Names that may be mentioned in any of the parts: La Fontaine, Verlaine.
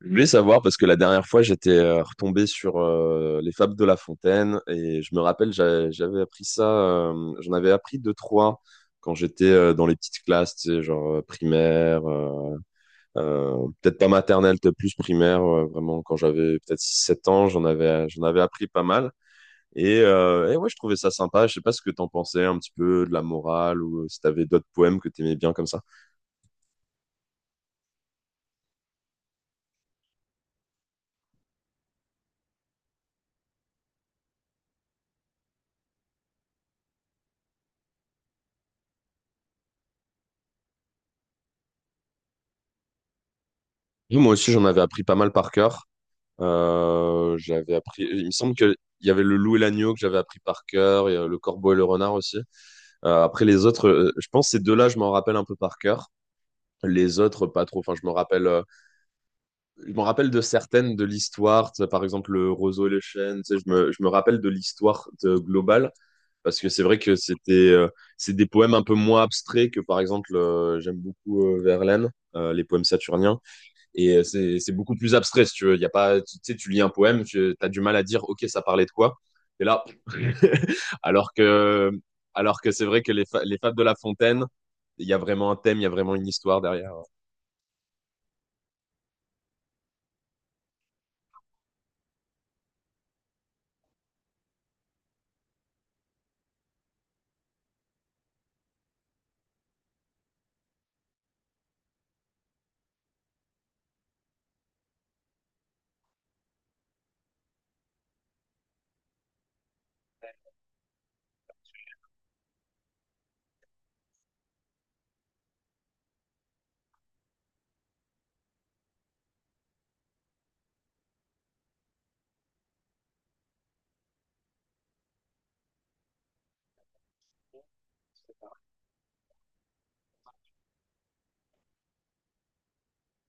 Je voulais savoir parce que la dernière fois j'étais retombé sur les fables de La Fontaine et je me rappelle j'avais appris ça j'en avais appris deux trois quand j'étais dans les petites classes tu sais, genre primaire peut-être pas maternelle, peut-être plus primaire vraiment quand j'avais peut-être six sept ans, j'en avais appris pas mal et ouais, je trouvais ça sympa. Je sais pas ce que t'en pensais un petit peu de la morale, ou si t'avais d'autres poèmes que t'aimais bien comme ça. Oui, moi aussi j'en avais appris pas mal par cœur. J'avais appris. Il me semble que il y avait le loup et l'agneau que j'avais appris par cœur, et, le corbeau et le renard aussi. Après les autres, je pense ces deux-là, je m'en rappelle un peu par cœur. Les autres, pas trop. Enfin, je me rappelle de certaines de l'histoire. Tu sais, par exemple, le roseau et les chênes. Tu sais, je me rappelle de globale parce que c'est vrai que c'était, c'est des poèmes un peu moins abstraits que, par exemple, j'aime beaucoup Verlaine, les poèmes saturniens. Et c'est beaucoup plus abstrait, si tu veux. Y a pas, tu sais, tu lis un poème, tu as du mal à dire, OK, ça parlait de quoi. Et là, alors que, alors que c'est vrai que les fables de La Fontaine, il y a vraiment un thème, il y a vraiment une histoire derrière.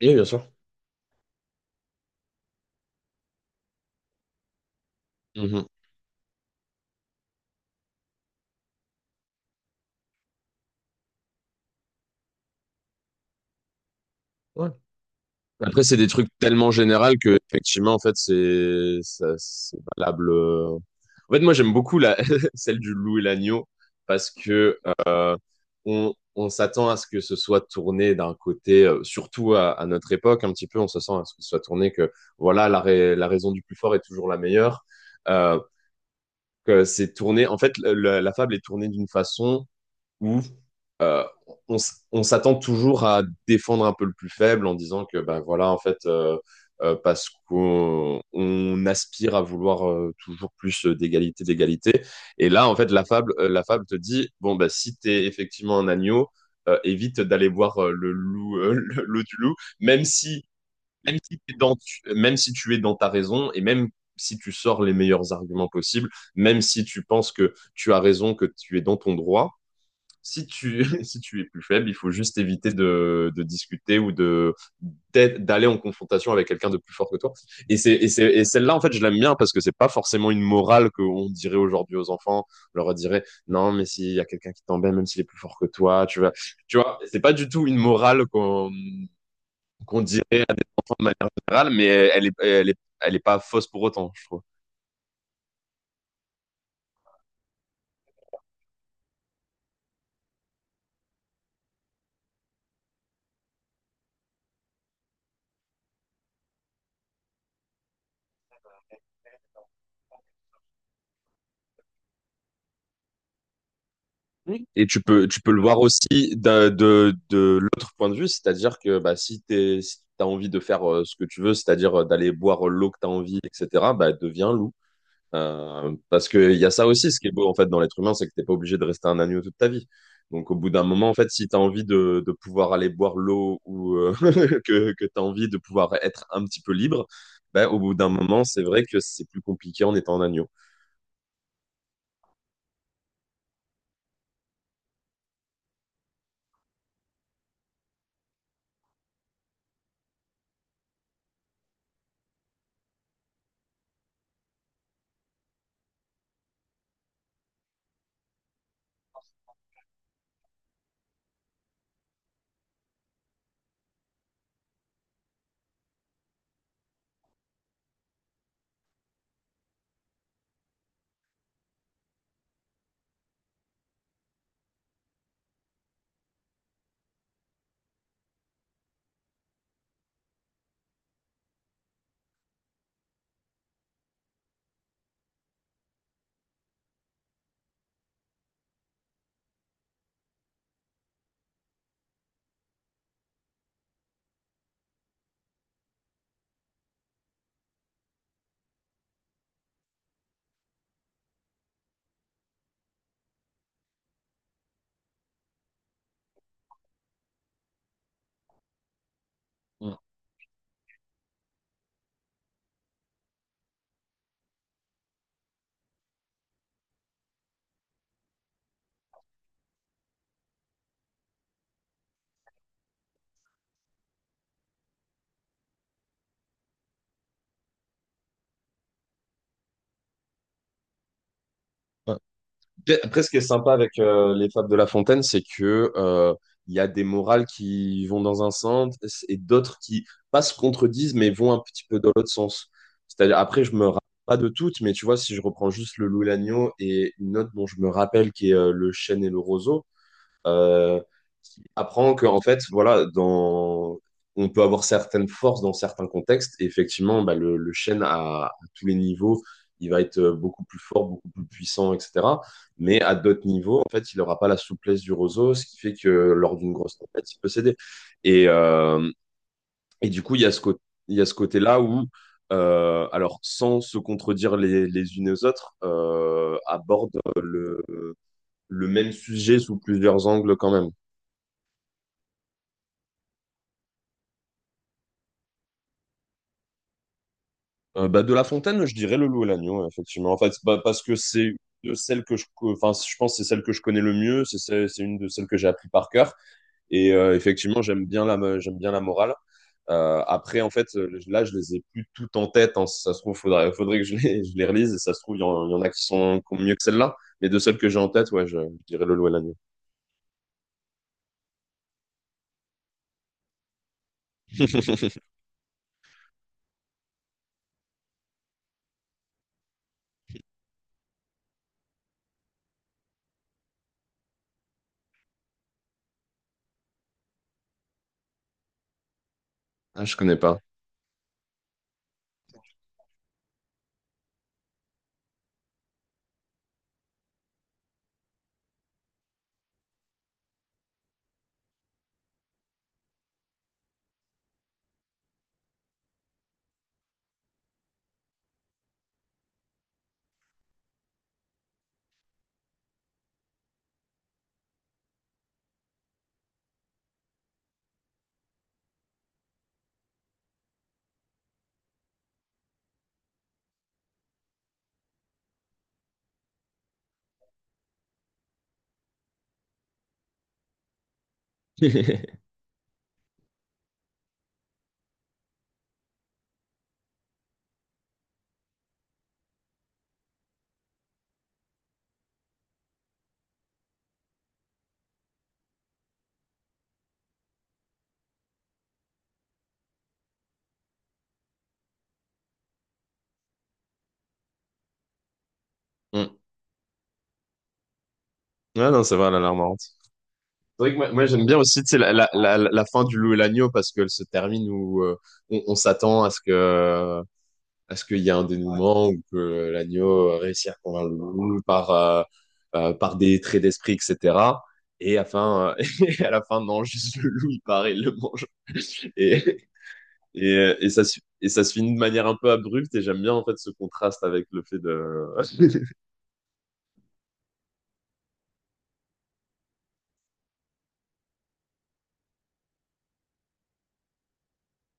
Et bien sûr. Mhm. Ouais. Après, c'est des trucs tellement généraux que, effectivement, en fait, c'est valable en fait, moi, j'aime beaucoup celle du loup et l'agneau parce que euh, on s'attend à ce que ce soit tourné d'un côté, surtout à notre époque, un petit peu, on se sent à ce que ce soit tourné que voilà, la raison du plus fort est toujours la meilleure. Euh, que c'est tourné, en fait, la fable est tournée d'une façon où euh, on s'attend toujours à défendre un peu le plus faible en disant que ben voilà en fait parce qu'on aspire à vouloir toujours plus d'égalité, et là en fait la fable te dit bon bah si t'es effectivement un agneau, évite d'aller voir le loup l'eau du loup. même si même si même si tu es dans ta raison, et même si tu sors les meilleurs arguments possibles, même si tu penses que tu as raison, que tu es dans ton droit, si tu, si tu es plus faible, il faut juste éviter de discuter ou de d'aller en confrontation avec quelqu'un de plus fort que toi. Et celle-là, en fait, je l'aime bien parce que c'est pas forcément une morale qu'on dirait aujourd'hui aux enfants. On leur dirait, non, mais s'il y a quelqu'un qui t'embête, même s'il est plus fort que toi, tu vois, c'est pas du tout une morale qu'on, qu'on dirait de manière générale, mais elle est pas fausse pour autant, je trouve. Et tu peux le voir aussi de l'autre point de vue, c'est-à-dire que bah, si t'es, si t'as envie de faire ce que tu veux, c'est-à-dire d'aller boire l'eau que t'as envie, etc., bah, deviens loup. Parce qu'il y a ça aussi, ce qui est beau en fait dans l'être humain, c'est que t'es pas obligé de rester un agneau toute ta vie. Donc au bout d'un moment, en fait, si t'as envie de pouvoir aller boire l'eau ou que t'as envie de pouvoir être un petit peu libre, bah, au bout d'un moment, c'est vrai que c'est plus compliqué en étant un agneau. Mm. Après, ce qui est sympa avec les fables de La Fontaine, c'est que il y a des morales qui vont dans un sens et d'autres qui pas se contredisent mais vont un petit peu dans l'autre sens. C'est-à-dire après, je me rappelle pas de toutes, mais tu vois, si je reprends juste le loup et l'agneau et une autre dont je me rappelle qui est le chêne et le roseau, euh, qui apprend que, en fait, voilà, dans... on peut avoir certaines forces dans certains contextes. Et effectivement, bah, le chêne à tous les niveaux, il va être beaucoup plus fort, beaucoup plus puissant, etc. Mais à d'autres niveaux, en fait, il n'aura pas la souplesse du roseau, ce qui fait que lors d'une grosse tempête, il peut céder. Et, euh, et du coup, il y a ce côté. Il y a ce côté-là où, alors sans se contredire les unes aux autres, abordent le même sujet sous plusieurs angles quand même. Bah, de La Fontaine, je dirais Le Loup et l'Agneau, effectivement. En fait, c'est pas- parce que c'est de celle que enfin, je pense que c'est celle que je connais le mieux, c'est une de celles que j'ai appris par cœur. Et effectivement, j'aime bien la morale. Après, en fait, là, je les ai plus toutes en tête, hein. Si ça se trouve, faudrait que je les, je les relise. Et ça se trouve, il y en a qui sont qui ont mieux que celle-là. Mais de celles que j'ai en tête, ouais, je dirais Le Loup et l'Agneau. Ah, je connais pas. Hmm. Ouais, non, c'est vrai, elle a l'air marrante. C'est vrai que moi, j'aime bien aussi tu sais, la fin du loup et l'agneau parce qu'elle se termine où on s'attend à ce que à ce qu'il y ait un ouais dénouement, ou que l'agneau réussisse à convaincre le loup par par des traits d'esprit, etc. Et à la fin et à la fin non juste le loup il part et il le mange et et, et ça se finit de manière un peu abrupte, et j'aime bien en fait ce contraste avec le fait de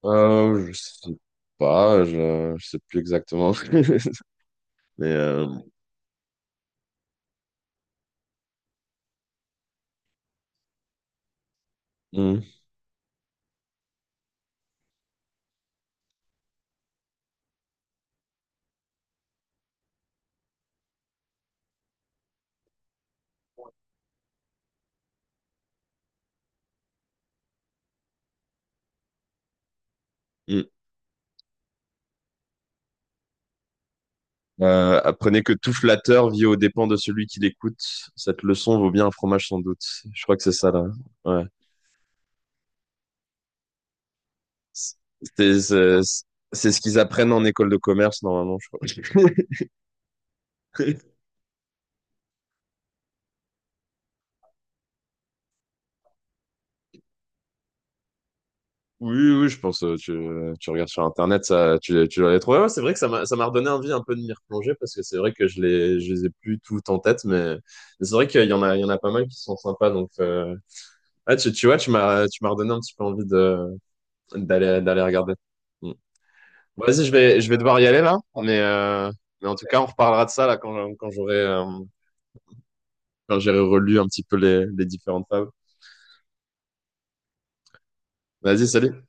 je sais pas je sais plus exactement mais mm, mm. Apprenez que tout flatteur vit aux dépens de celui qui l'écoute. Cette leçon vaut bien un fromage sans doute. Je crois que c'est ça là. Ouais. C'est c'est- c'est ce qu'ils apprennent en école de commerce normalement, je crois. Oui, oui, je pense. Tu regardes sur Internet, ça, tu dois les trouver. Ouais, c'est vrai que ça m'a redonné envie un peu de m'y replonger parce que c'est vrai que je les ai plus toutes en tête, mais c'est vrai qu'il y en a pas mal qui sont sympas. Donc, ah, tu vois, tu m'as redonné un petit peu envie de, d'aller regarder. Mm. Vas-y, je vais devoir y aller là, mais en tout cas, on reparlera de ça là quand, quand j'aurai relu un petit peu les différentes tables. Vas-y, salut.